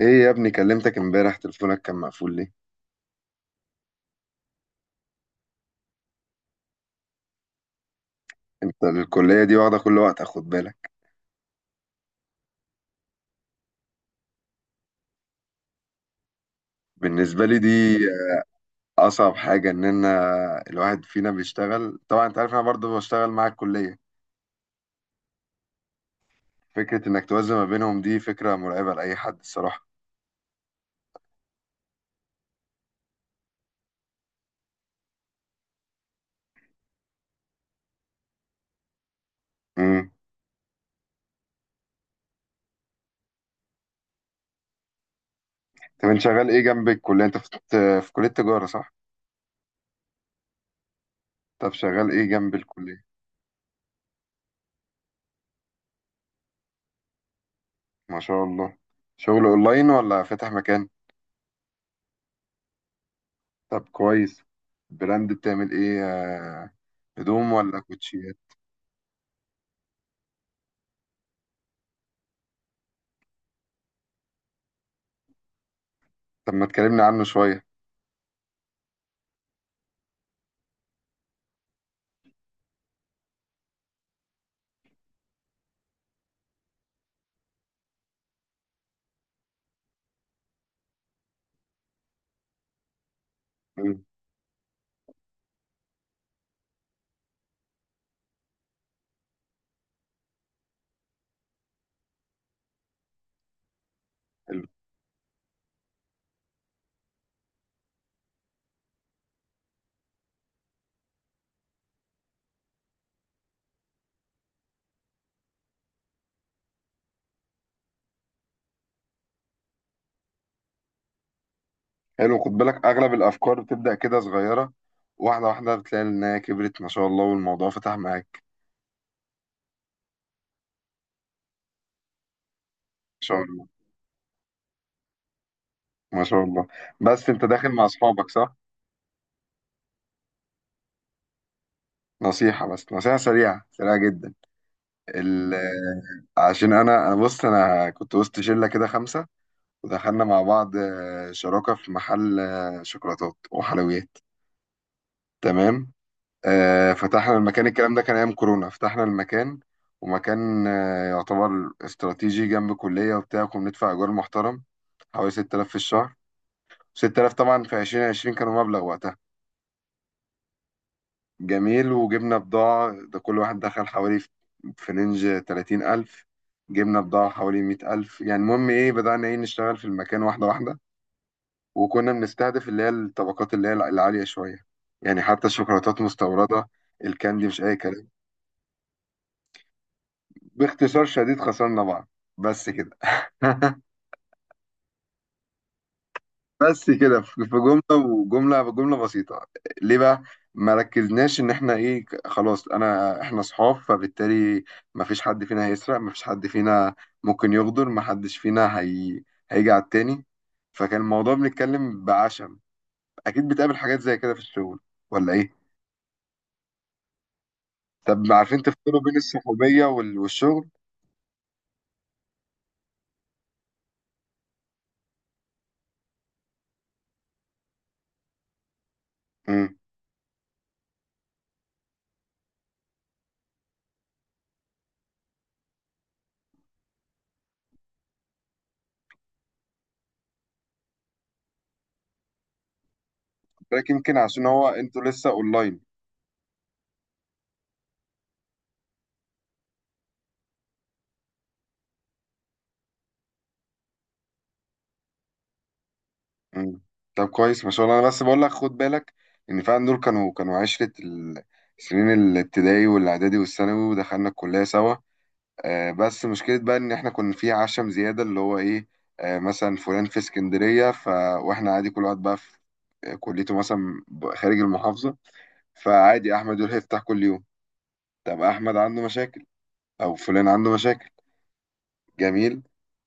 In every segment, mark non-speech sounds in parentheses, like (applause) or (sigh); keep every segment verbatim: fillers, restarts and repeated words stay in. ايه يا ابني، كلمتك امبارح تليفونك كان مقفول ليه؟ انت الكلية دي واخدة كل وقت، اخد بالك. بالنسبة لي دي اصعب حاجة ان انا الواحد فينا بيشتغل. طبعا انت عارف انا برضو بشتغل مع الكلية. فكرة انك توازن ما بينهم دي فكرة مرعبة لأي حد الصراحة. امم طب انت شغال ايه جنب الكلية؟ انت في في كلية تجارة، صح؟ طب شغال ايه جنب الكلية؟ ما شاء الله. شغل اونلاين ولا فاتح مكان؟ طب كويس. براند بتعمل ايه، آه، هدوم ولا كوتشيات؟ طب ما تكلمني عنه شوية. حلو. حلو، خد بالك اغلب الافكار بتبدا كده صغيره، واحده واحده بتلاقي انها كبرت ما شاء الله والموضوع فتح معاك. ما شاء الله ما شاء الله. بس انت داخل مع اصحابك، صح؟ نصيحه، بس نصيحه سريعه سريعه جدا. ال... آه، عشان انا انا بص انا كنت وسط شله كده خمسه، ودخلنا مع بعض آه، شراكه في محل آه، شوكولاتات وحلويات. تمام. آه، فتحنا المكان، الكلام ده كان ايام كورونا. فتحنا المكان، ومكان آه، يعتبر استراتيجي جنب كلية وبتاع. كنا بندفع ايجار محترم حوالي ستة آلاف في الشهر. ستة آلاف طبعا في ألفين و عشرين كانوا مبلغ وقتها. جميل. وجبنا بضاعة، ده كل واحد دخل حوالي في في رينج تلاتين ألف. جبنا بضاعة حوالي مئة ألف. يعني المهم ايه، بدأنا ايه نشتغل في المكان واحدة واحدة، وكنا بنستهدف اللي هي الطبقات اللي هي العالية شوية، يعني حتى الشوكولاتات مستوردة، الكاندي مش أي كلام. باختصار شديد خسرنا بعض، بس كده. (laughs) بس كده، في في جملة وجملة بجملة بسيطة. ليه بقى؟ ما ركزناش ان احنا ايه، ك- خلاص انا احنا صحاب، فبالتالي ما فيش حد فينا هيسرق، ما فيش حد فينا ممكن يغدر، ما حدش فينا هي... هيجي على التاني. فكان الموضوع بنتكلم بعشم. اكيد بتقابل حاجات زي كده في الشغل ولا ايه؟ طب عارفين تفصلوا بين الصحوبية وال... والشغل؟ امم يمكن عشان هو انتوا لسه اونلاين. مم. طب كويس ما شاء الله. انا بس بقول لك خد بالك ان فعلا دول كانوا كانوا عشرة ال- السنين، الابتدائي والاعدادي والثانوي، ودخلنا الكلية سوا. آه بس مشكلة بقى ان احنا كنا في عشم زيادة اللي هو ايه. آه مثلا فلان في اسكندرية، ف واحنا عادي كل واحد بقى في كليته مثلا خارج المحافظة. فعادي احمد يروح يفتح كل يوم. طب احمد عنده مشاكل او فلان عنده مشاكل. جميل.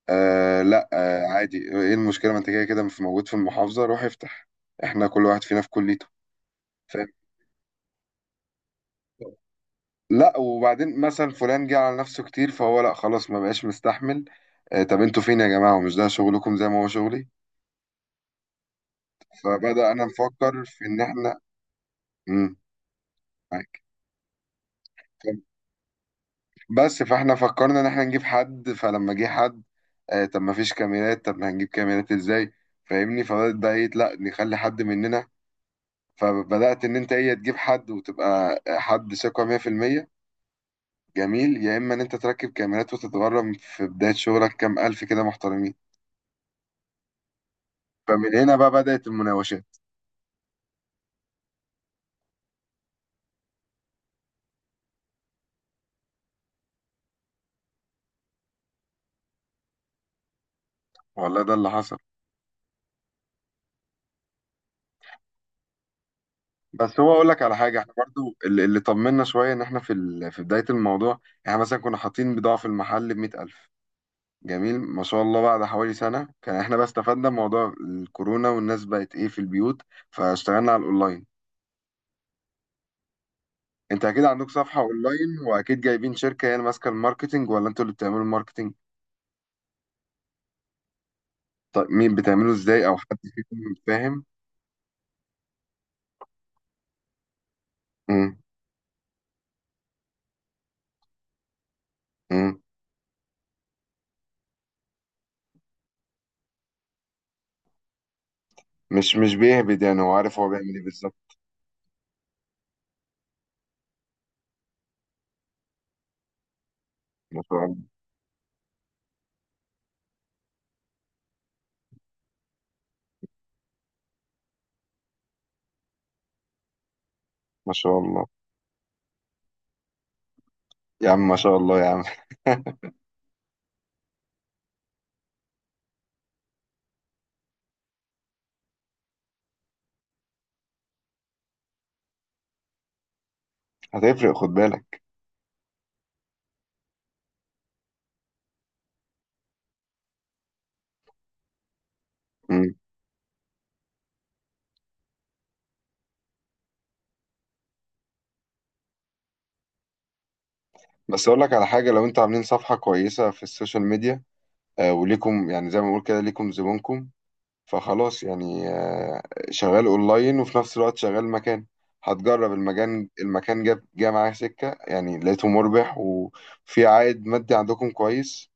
آه لا آه عادي، ايه المشكلة؟ ما انت كده كده في- موجود في المحافظة، روح افتح. احنا كل واحد فينا في كليته. فاهم. لا وبعدين مثلا فلان جه على نفسه كتير، فهو لا خلاص، ما بقاش مستحمل. آه طب انتوا فين يا جماعة؟ ومش ده شغلكم زي ما هو شغلي؟ فبدأ انا نفكر في ان احنا. امم معاك. بس فاحنا فكرنا ان احنا نجيب حد، فلما جه حد آه طب ما فيش كاميرات، طب ما هنجيب كاميرات ازاي؟ فاهمني؟ فبدأت بقى ايه، لا نخلي حد مننا. فبدأت إن أنت إيه تجيب حد وتبقى حد ثقة مية في المية. جميل. يا إما إن أنت تركب كاميرات وتتغرم في بداية شغلك كام ألف كده محترمين. فمن هنا بقى بدأت المناوشات. والله ده اللي حصل. بس هو أقول لك على حاجة، إحنا برضو اللي, اللي طمنا شوية إن إحنا في ال... في بداية الموضوع، إحنا مثلا كنا حاطين بضاعة في المحل بمية ألف. جميل. ما شاء الله بعد حوالي سنة كان إحنا بقى استفدنا من موضوع الكورونا والناس بقت إيه في البيوت، فاشتغلنا على الأونلاين. انت اكيد عندك صفحة اونلاين واكيد جايبين شركة هي اللي ماسكة الماركتينج ولا انتوا اللي بتعملوا الماركتينج؟ طيب مين بتعمله؟ ازاي، او حد فيكم؟ فاهم. امم امم مش مش بيهبد يعني، هو عارف هو بيعمل ايه بالظبط. ما شاء الله. ما شاء الله يا عم، ما شاء الله يا عم. (laughs) هتفرق، خد بالك. امم بس اقول لك على حاجة، لو انتوا عاملين صفحة كويسة في السوشيال ميديا، آه وليكم يعني زي ما بقول كده ليكم زبونكم، فخلاص يعني آه، شغال اونلاين وفي نفس الوقت شغال مكان. هتجرب المكان، المكان جاب جه معايا سكة يعني، لقيته مربح وفي عائد مادي عندكم كويس،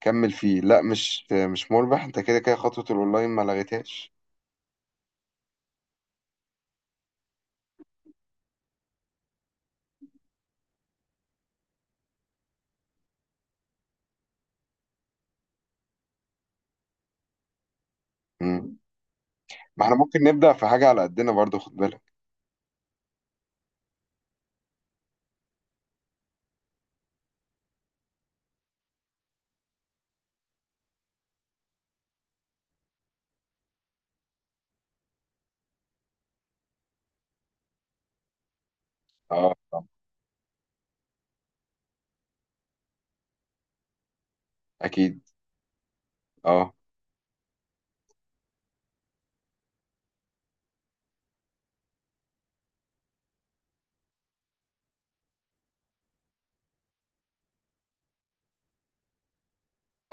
كمل فيه. لا مش مش مربح، انت كده كده خطوة الاونلاين ما لغيتهاش. مم. ما احنا ممكن نبدأ في حاجة على قدنا برضو، خد بالك. اه طبعاً. اكيد. اه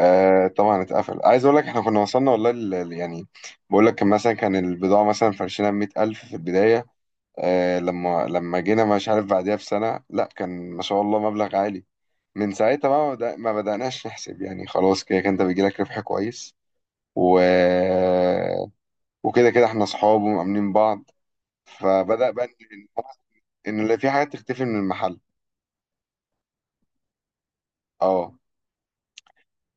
آه طبعا اتقفل. عايز اقول لك احنا كنا وصلنا والله ل- ل- يعني، بقول لك كان مثلا كان البضاعة مثلا فرشنا مئة ألف في البداية، آه لما لما جينا مش عارف بعديها بسنة، لا كان ما شاء الله مبلغ عالي. من ساعتها بقى ما بدأ- ما بدأناش نحسب، يعني خلاص كده كده انت بيجيلك ربح كويس، و... وكده كده احنا اصحاب ومأمنين بعض. فبدأ بقى ان إن اللي في حاجات تختفي من المحل. اه.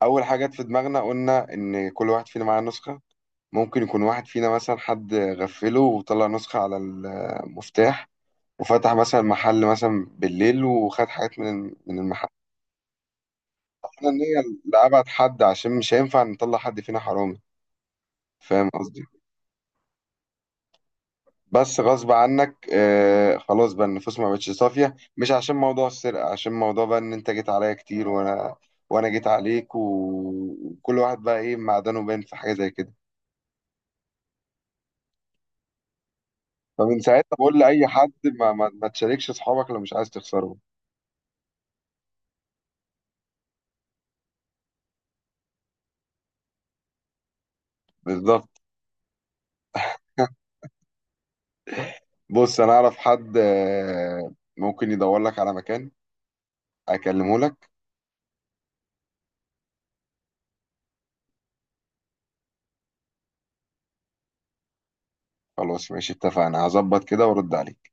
اول حاجة جت في دماغنا قلنا ان كل واحد فينا معاه نسخة، ممكن يكون واحد فينا مثلا حد غفله وطلع نسخة على المفتاح، وفتح مثلا محل مثلا بالليل وخد حاجات من الم- من المحل. احنا النية لأبعد حد عشان مش هينفع نطلع حد فينا حرامي، فاهم قصدي. بس غصب عنك آه خلاص بقى النفوس ما بقتش صافية. مش عشان موضوع السرقة، عشان موضوع بقى ان انت جيت عليا كتير وانا، وانا جيت عليك و- وكل واحد بقى ايه معدنه باين في حاجة زي كده. فمن ساعتها بقول لأي حد ما, ما, ما تشاركش اصحابك لو مش عايز تخسرهم. بالظبط. بص انا اعرف حد آه ممكن يدور لك على مكان، اكلمه لك. خلاص ماشي، اتفقنا. هظبط كده وارد عليك.